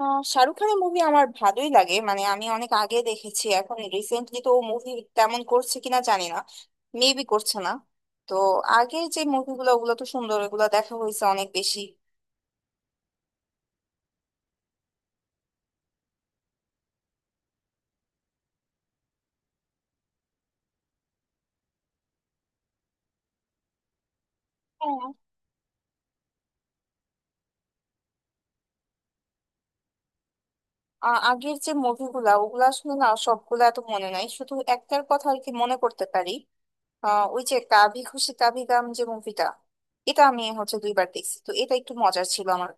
শাহরুখ খানের মুভি আমার ভালোই লাগে। মানে আমি অনেক আগে দেখেছি, এখন রিসেন্টলি তো মুভি তেমন করছে কিনা জানি না, মেবি করছে না। তো আগের যে মুভিগুলো ওগুলো তো সুন্দর, ওগুলো দেখা হয়েছে অনেক বেশি। হ্যাঁ। আগের যে মুভিগুলা ওগুলা আসলে না সবগুলা এত মনে নাই, শুধু একটার কথা আর কি মনে করতে পারি। ওই যে কাভি খুশি কাভি গাম, যে মুভিটা এটা আমি হচ্ছে দুইবার দেখছি, তো এটা একটু মজার ছিল আমার।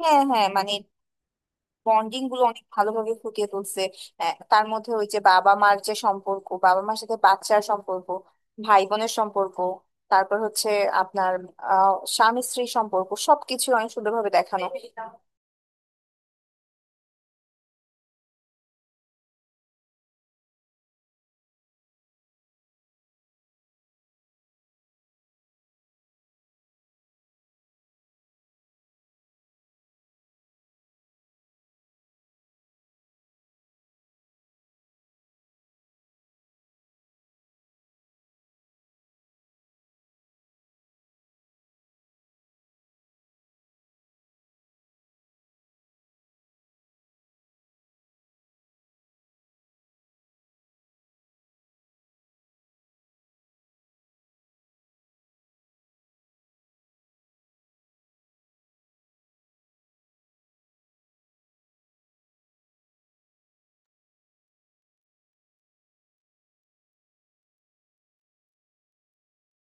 হ্যাঁ, হ্যাঁ, মানে বন্ডিং গুলো অনেক ভালোভাবে ফুটিয়ে তুলছে। তার মধ্যে ওই যে বাবা মার যে সম্পর্ক, বাবা মার সাথে বাচ্চার সম্পর্ক, ভাই বোনের সম্পর্ক, তারপর হচ্ছে আপনার স্বামী স্ত্রীর সম্পর্ক, সবকিছু অনেক সুন্দরভাবে দেখানো।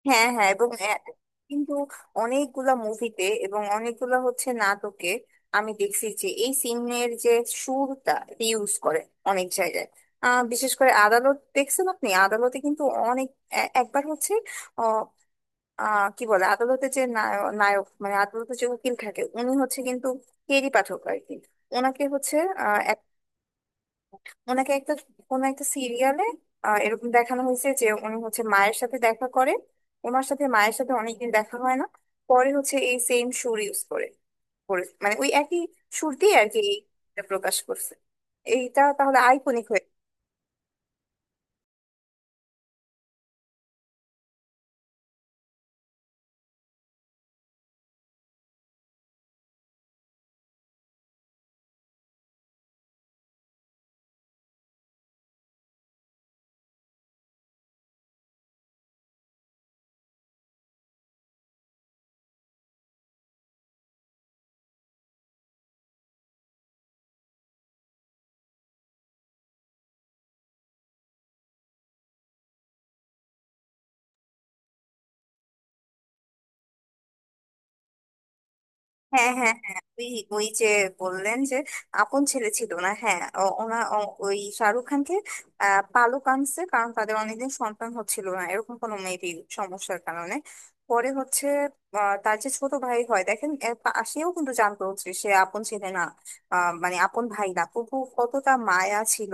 হ্যাঁ, হ্যাঁ, এবং কিন্তু অনেকগুলা মুভিতে এবং অনেকগুলা হচ্ছে নাটকে আমি দেখছি যে এই সিনের যে সুরটা ইউজ করে অনেক জায়গায়। বিশেষ করে আদালত দেখছেন, আপনি আদালতে কিন্তু অনেক একবার হচ্ছে কি বলে, আদালতে যে নায়ক, মানে আদালতে যে উকিল থাকে উনি হচ্ছে কিন্তু কেরি পাঠক আর কি। ওনাকে হচ্ছে আহ, এক- ওনাকে একটা কোন একটা সিরিয়ালে এরকম দেখানো হয়েছে যে উনি হচ্ছে মায়ের সাথে দেখা করে, ওনার সাথে মায়ের সাথে অনেকদিন দেখা হয় না। পরে হচ্ছে এই সেম সুর ইউজ করে করে- মানে ওই একই সুর দিয়ে আর কি এইটা প্রকাশ করছে। এইটা তাহলে আইকনিক। হ্যাঁ, হ্যাঁ, হ্যাঁ, ওই ওই যে বললেন যে আপন ছেলে ছিল না, হ্যাঁ, ওই শাহরুখ খানকে পালক আনছে, কারণ তাদের অনেকদিন সন্তান হচ্ছিল না এরকম কোনো মেবি সমস্যার কারণে। পরে হচ্ছে তার যে ছোট ভাই হয় দেখেন সেও কিন্তু জানতো হচ্ছে সে আপন ছেলে না। মানে আপন ভাই না তবু কতটা মায়া ছিল,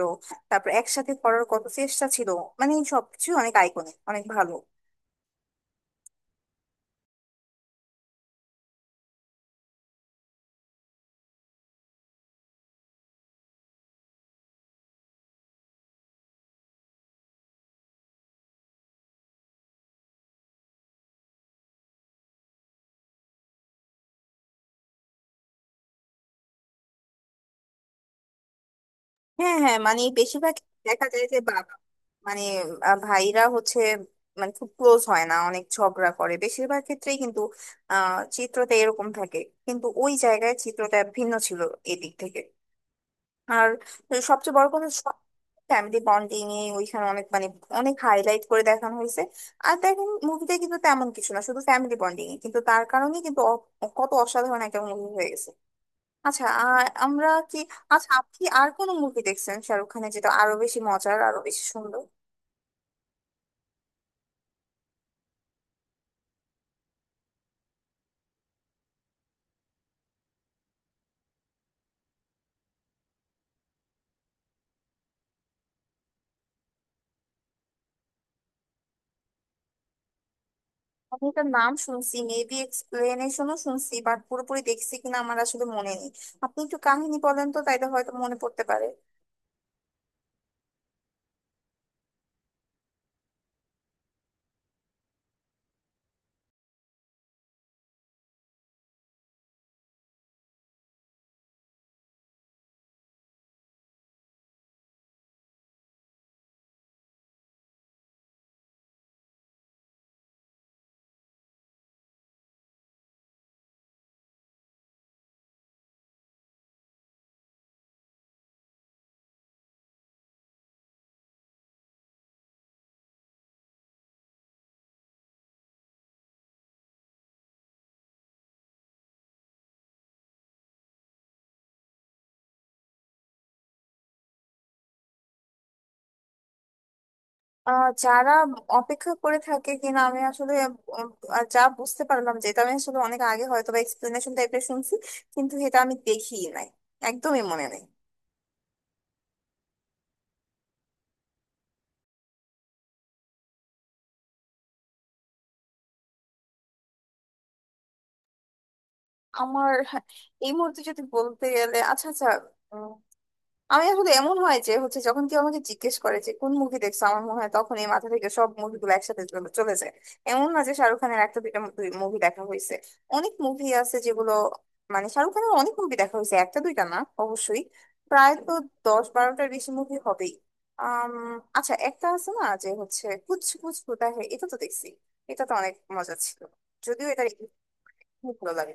তারপর একসাথে করার কত চেষ্টা ছিল, মানে সবকিছু অনেক আইকনিক, অনেক ভালো। হ্যাঁ, হ্যাঁ, মানে বেশিরভাগ দেখা যায় যে বাবা মানে ভাইরা হচ্ছে মানে খুব ক্লোজ হয় না, অনেক ঝগড়া করে বেশিরভাগ ক্ষেত্রেই। কিন্তু চিত্রতে এরকম থাকে, কিন্তু ওই জায়গায় চিত্রটা ভিন্ন ছিল এদিক থেকে। আর সবচেয়ে বড় কথা সব ফ্যামিলি বন্ডিং এ ওইখানে অনেক মানে অনেক হাইলাইট করে দেখানো হয়েছে। আর দেখেন মুভিতে কিন্তু তেমন কিছু না, শুধু ফ্যামিলি বন্ডিং, কিন্তু তার কারণে কিন্তু কত অসাধারণ একটা মুভি হয়েছে। আচ্ছা আর আমরা কি আচ্ছা, আপনি আর কোন মুভি দেখছেন শাহরুখ খানের, যেটা আরো বেশি মজার, আরো বেশি সুন্দর? আমি এটার নাম শুনছি, মেবি এক্সপ্লেনেশনও শুনছি, বাট পুরোপুরি দেখছি কিনা আমার আসলে মনে নেই। আপনি একটু কাহিনী বলেন তো, তাইলে হয়তো মনে পড়তে পারে। যারা অপেক্ষা করে থাকে কিনা আমি আসলে উম, যা বুঝতে পারলাম, যেটা আমি আসলে অনেক আগে হয়তো বা এক্সপ্লেনেশন টাইপের শুনছি, কিন্তু এটা আমি দেখিই নাই, একদমই মনে নেই। আমার এই মুহূর্তে যদি বলতে গেলে, আচ্ছা আচ্ছা, আমি আসলে এমন হয় যে হচ্ছে যখন কেউ আমাকে জিজ্ঞেস করে যে কোন মুভি দেখছো, আমার মনে হয় তখন এই মাথা থেকে সব মুভিগুলো একসাথে চলে চলে যায়। এমন না যে শাহরুখ খানের একটা দুইটা মুভি দেখা হয়েছে, অনেক মুভি আছে যেগুলো, মানে শাহরুখ খানের অনেক মুভি দেখা হয়েছে, একটা দুইটা না। অবশ্যই প্রায় তো দশ বারোটার বেশি মুভি হবেই। আম, আচ্ছা একটা আছে না যে হচ্ছে কুছ কুছ হোতা হ্যায়, এটা তো দেখছি। এটা তো অনেক মজা ছিল, যদিও এটা খুব ভালো লাগে।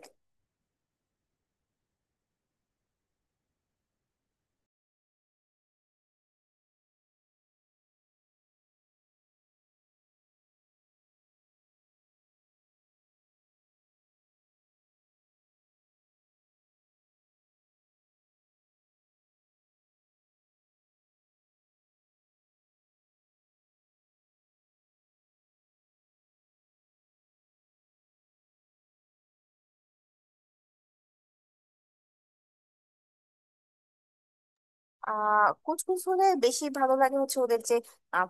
কুচকুচ হলে বেশি ভালো লাগে হচ্ছে ওদের যে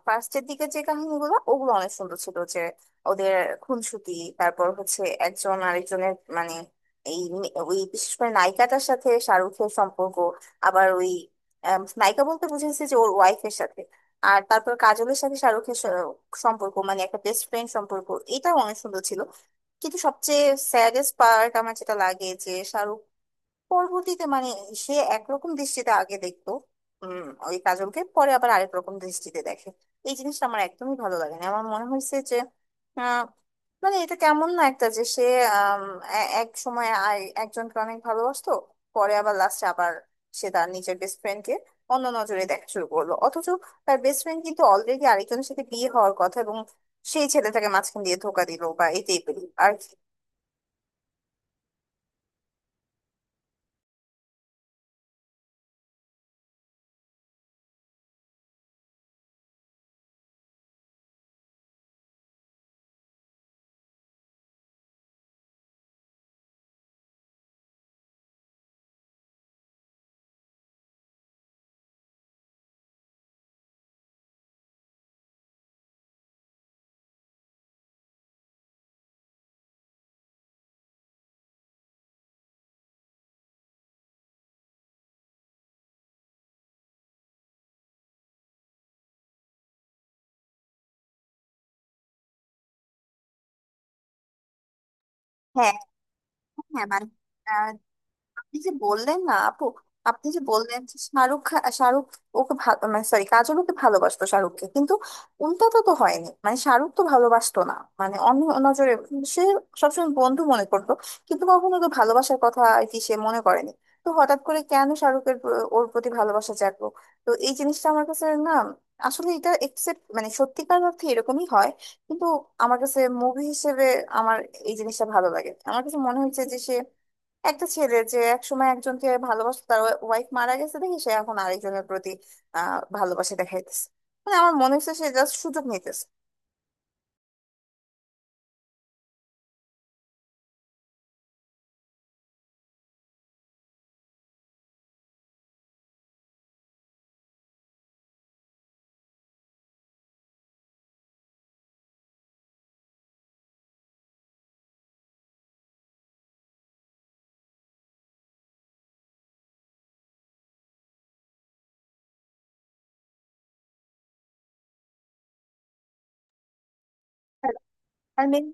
ফার্স্টের দিকে যে কাহিনীগুলো, ওগুলো অনেক সুন্দর ছিল, যে ওদের খুনসুটি, তারপর হচ্ছে একজন আরেকজনের মানে ওই বিশেষ করে নায়িকাটার সাথে শাহরুখের সম্পর্ক, আবার ওই নায়িকা বলতে বুঝেছি যে ওর ওয়াইফের সাথে। আর তারপর কাজলের সাথে শাহরুখের সম্পর্ক, মানে একটা বেস্ট ফ্রেন্ড সম্পর্ক, এটাও অনেক সুন্দর ছিল। কিন্তু সবচেয়ে স্যাডেস্ট পার্ট আমার যেটা লাগে, যে শাহরুখ পরবর্তীতে মানে সে একরকম দৃষ্টিতে আগে দেখতো ওই কাজলকে, পরে আবার আরেক রকম দৃষ্টিতে দেখে। এই জিনিসটা আমার একদমই ভালো লাগে না, আমার মনে হয়েছে যে আহ, মানে এটা কেমন না একটা, যে সে আম, এক সময় একজনকে অনেক ভালোবাসতো, পরে আবার লাস্টে আবার সে তার নিজের বেস্ট ফ্রেন্ড কে অন্য নজরে দেখা শুরু করলো, অথচ তার বেস্ট ফ্রেন্ড কিন্তু অলরেডি আরেকজনের সাথে বিয়ে হওয়ার কথা, এবং সেই ছেলেটাকে মাঝখান দিয়ে ধোকা দিল বা এই টাইপের আর কি। হ্যাঁ, হ্যাঁ, মানে আপনি যে বললেন না আপু, আপনি যে বললেন যে শাহরুখ ওকে ভালো মানে সরি কাজল ওকে ভালোবাসতো শাহরুখকে, কিন্তু উল্টাটা তো হয়নি, মানে শাহরুখ তো ভালোবাসতো না, মানে অন্য নজরে সে সবসময় বন্ধু মনে করতো, কিন্তু কখনো তো ভালোবাসার কথা আর কি সে মনে করেনি। তো হঠাৎ করে কেন শাহরুখের ওর প্রতি ভালোবাসা জাগলো? তো এই জিনিসটা আমার কাছে না, আসলে এটা একসেপ্ট মানে সত্যিকার অর্থে এরকমই হয়, কিন্তু আমার কাছে মুভি হিসেবে আমার এই জিনিসটা ভালো লাগে। আমার কাছে মনে হয়েছে যে সে একটা ছেলে যে একসময় একজনকে ভালোবাসতো, তার ওয়াইফ মারা গেছে, দেখি সে এখন আরেকজনের প্রতি ভালোবাসা দেখাইতেছে, মানে আমার মনে হচ্ছে সে জাস্ট সুযোগ নিতেছে। আর মেন